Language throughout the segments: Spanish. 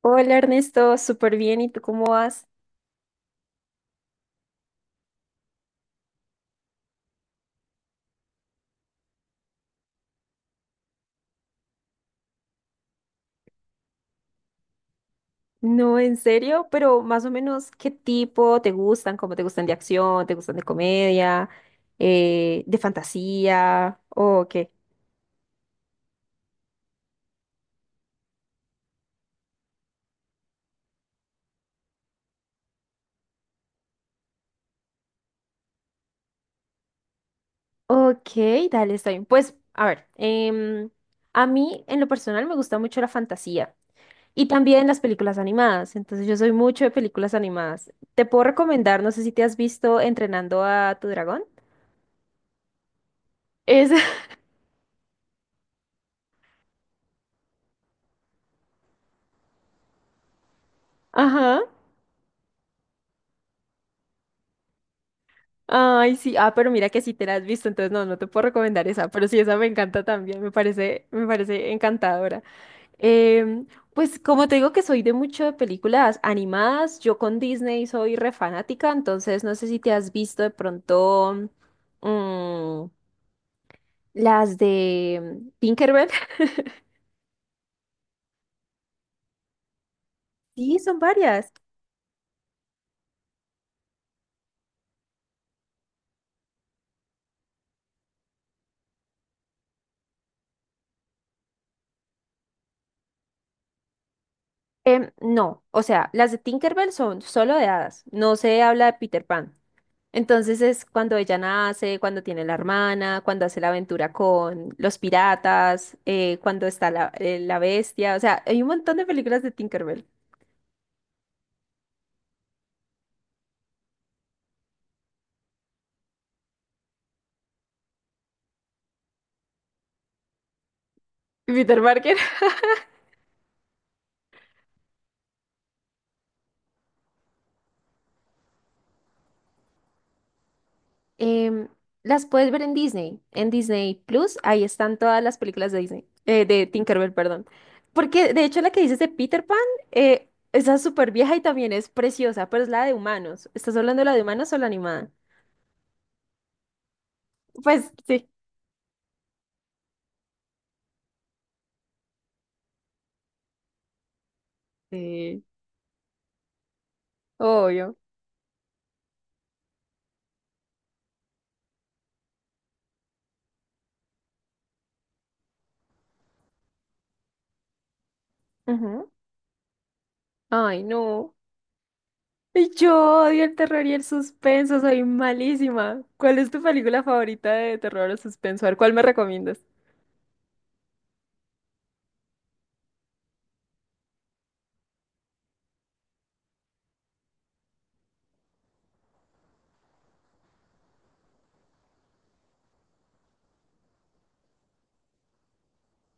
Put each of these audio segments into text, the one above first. Hola Ernesto, súper bien. ¿Y tú cómo vas? No, en serio, pero más o menos, ¿qué tipo te gustan? ¿Cómo te gustan, de acción? ¿Te gustan de comedia? ¿De fantasía? ¿O qué? Ok, dale, está bien. Pues, a ver, a mí en lo personal me gusta mucho la fantasía y también las películas animadas. Entonces, yo soy mucho de películas animadas. Te puedo recomendar, no sé si te has visto Entrenando a tu dragón. Es, ajá. Ay, sí, ah, pero mira que sí te la has visto, entonces no, no te puedo recomendar esa, pero sí, esa me encanta también, me parece encantadora. Em, pues como te digo que soy de mucho de películas animadas, yo con Disney soy re fanática, entonces no sé si te has visto de pronto mm, las de Tinkerbell. Sí, son varias. No, o sea, las de Tinkerbell son solo de hadas, no se habla de Peter Pan. Entonces es cuando ella nace, cuando tiene la hermana, cuando hace la aventura con los piratas, cuando está la, la bestia. O sea, hay un montón de películas de Tinkerbell. Y Peter Parker. Em, las puedes ver en Disney Plus. Ahí están todas las películas de Disney, de Tinkerbell, perdón. Porque de hecho la que dices de Peter Pan, esa es súper vieja y también es preciosa, pero es la de humanos. ¿Estás hablando de la de humanos o la animada? Pues sí. Sí. Obvio. Ujú. Ay, no. Ay, yo odio el terror y el suspenso, soy malísima. ¿Cuál es tu película favorita de terror o suspenso? A ver, ¿cuál me recomiendas?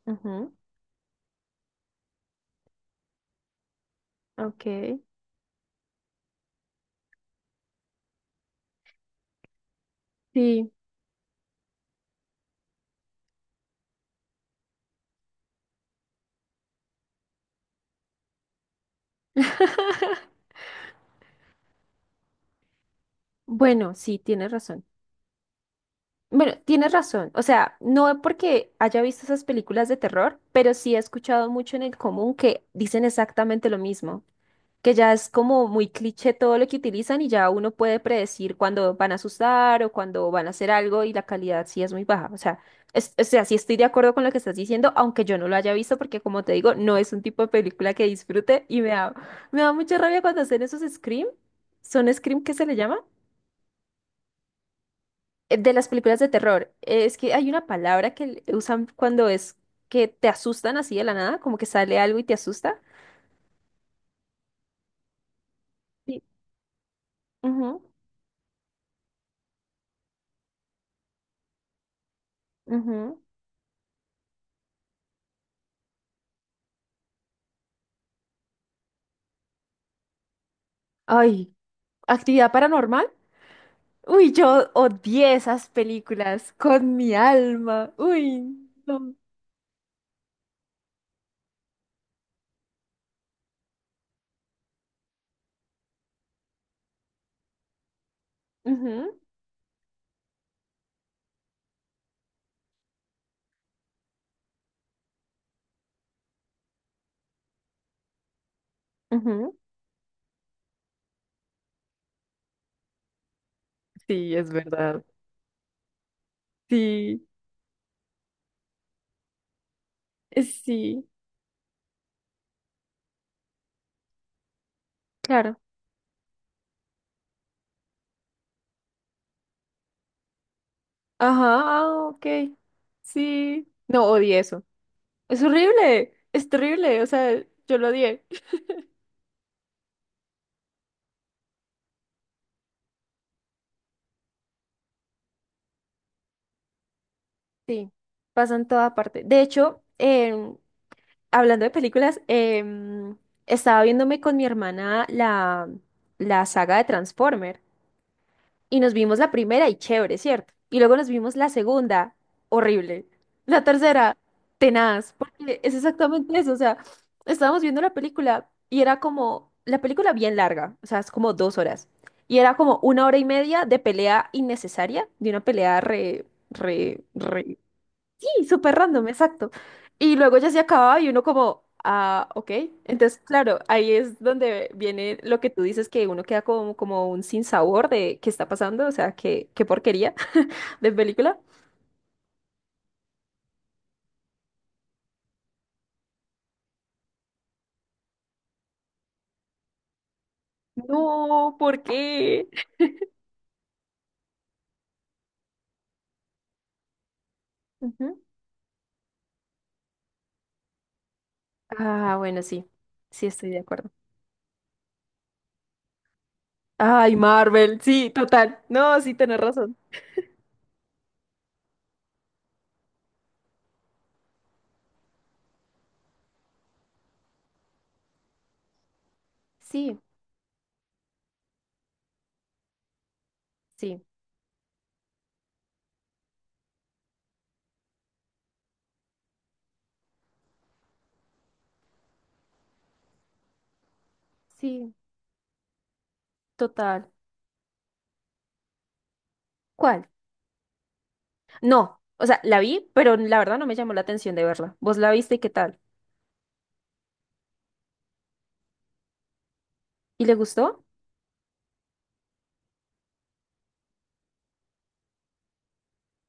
Ujú, ok. Sí. Bueno, sí, tienes razón. Bueno, tienes razón. O sea, no es porque haya visto esas películas de terror, pero sí he escuchado mucho en el común que dicen exactamente lo mismo, que ya es como muy cliché todo lo que utilizan y ya uno puede predecir cuándo van a asustar o cuándo van a hacer algo y la calidad sí es muy baja. O sea, o sea, sí estoy de acuerdo con lo que estás diciendo, aunque yo no lo haya visto porque como te digo, no es un tipo de película que disfrute y me da mucha rabia cuando hacen esos scream. ¿Son scream que se le llama? De las películas de terror. Es que hay una palabra que usan cuando es que te asustan así de la nada, como que sale algo y te asusta. Sí. Ujú, ujú. Ay, ¿actividad paranormal? Uy, yo odié esas películas con mi alma. Uy, no. Ujú, ujú. Sí, es verdad. Sí, sí, claro. Ajá, ah, ok. Sí. No, odié eso. Es horrible, es terrible, o sea, yo lo odié. Sí, pasa en toda parte. De hecho, hablando de películas, estaba viéndome con mi hermana la, la saga de Transformer. Y nos vimos la primera y chévere, ¿cierto? Y luego nos vimos la segunda, horrible. La tercera, tenaz, porque es exactamente eso. O sea, estábamos viendo la película y era como, la película bien larga, o sea, es como dos horas. Y era como una hora y media de pelea innecesaria, de una pelea re. Y súper random, exacto. Y luego ya se acababa y uno como, ah, ok. Entonces, claro, ahí es donde viene lo que tú dices, que uno queda como, como un sinsabor de qué está pasando, o sea, qué, qué porquería de película. No, ¿por qué? Ujú. Ah, bueno, sí, sí estoy de acuerdo. Ay, Marvel, sí, total. No, sí, tenés razón. Sí, sí, sí, total. ¿Cuál? No, o sea, la vi, pero la verdad no me llamó la atención de verla. ¿Vos la viste y qué tal? ¿Y le gustó?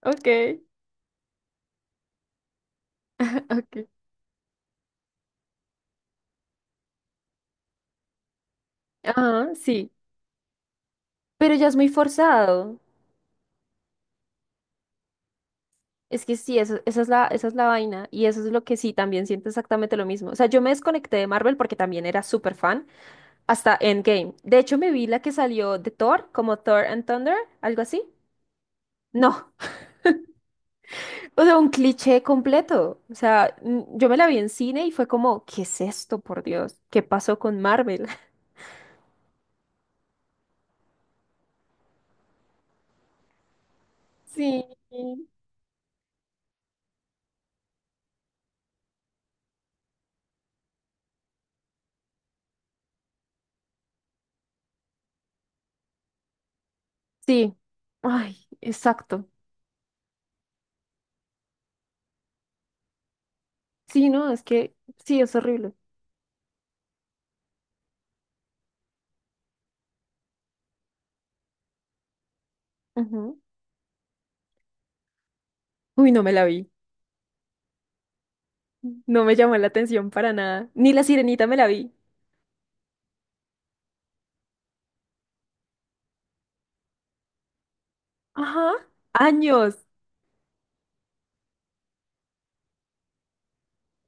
Ok, ok. Ah, sí, pero ya es muy forzado. Es que sí, esa es la vaina. Y eso es lo que sí, también siento exactamente lo mismo. O sea, yo me desconecté de Marvel porque también era súper fan hasta Endgame. De hecho, me vi la que salió de Thor, como Thor and Thunder, algo así. No, o sea, un cliché completo. O sea, yo me la vi en cine y fue como, ¿qué es esto, por Dios? ¿Qué pasó con Marvel? Sí. Sí, ay, exacto. Sí, no, es que sí, es horrible. Ujú. Uy, no me la vi. No me llamó la atención para nada. Ni La Sirenita me la vi. Ajá, años.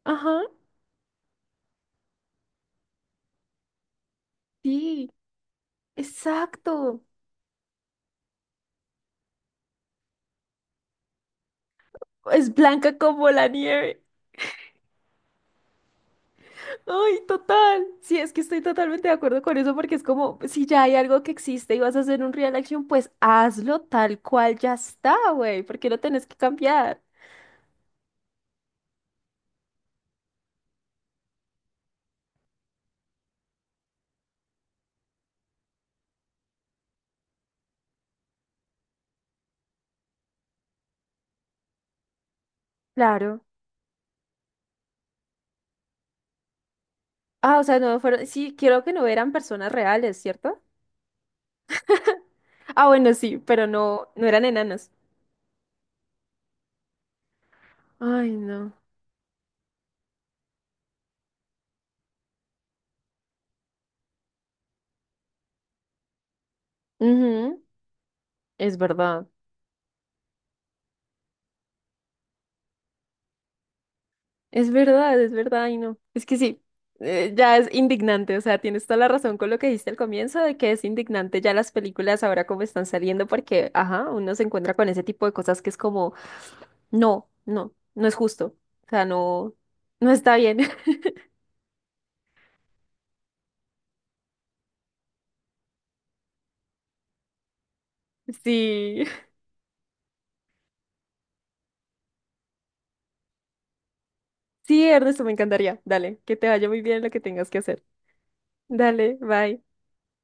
Ajá. Sí, exacto. Es blanca como la nieve. Ay, total. Sí, es que estoy totalmente de acuerdo con eso porque es como, si ya hay algo que existe y vas a hacer un real action, pues hazlo tal cual ya está, güey. ¿Por qué lo tenés que cambiar? Claro. Ah, o sea, no fueron, sí, quiero que no eran personas reales, ¿cierto? Ah, bueno, sí, pero no, no eran enanos. Ay, no. Ujú, es verdad, es verdad, y no. Es que sí, ya es indignante, o sea, tienes toda la razón con lo que dijiste al comienzo de que es indignante ya las películas ahora como están saliendo porque, ajá, uno se encuentra con ese tipo de cosas que es como, no, no, no es justo, o sea, no, no está bien. Sí, sí, Ernesto, me encantaría. Dale, que te vaya muy bien en lo que tengas que hacer. Dale, bye.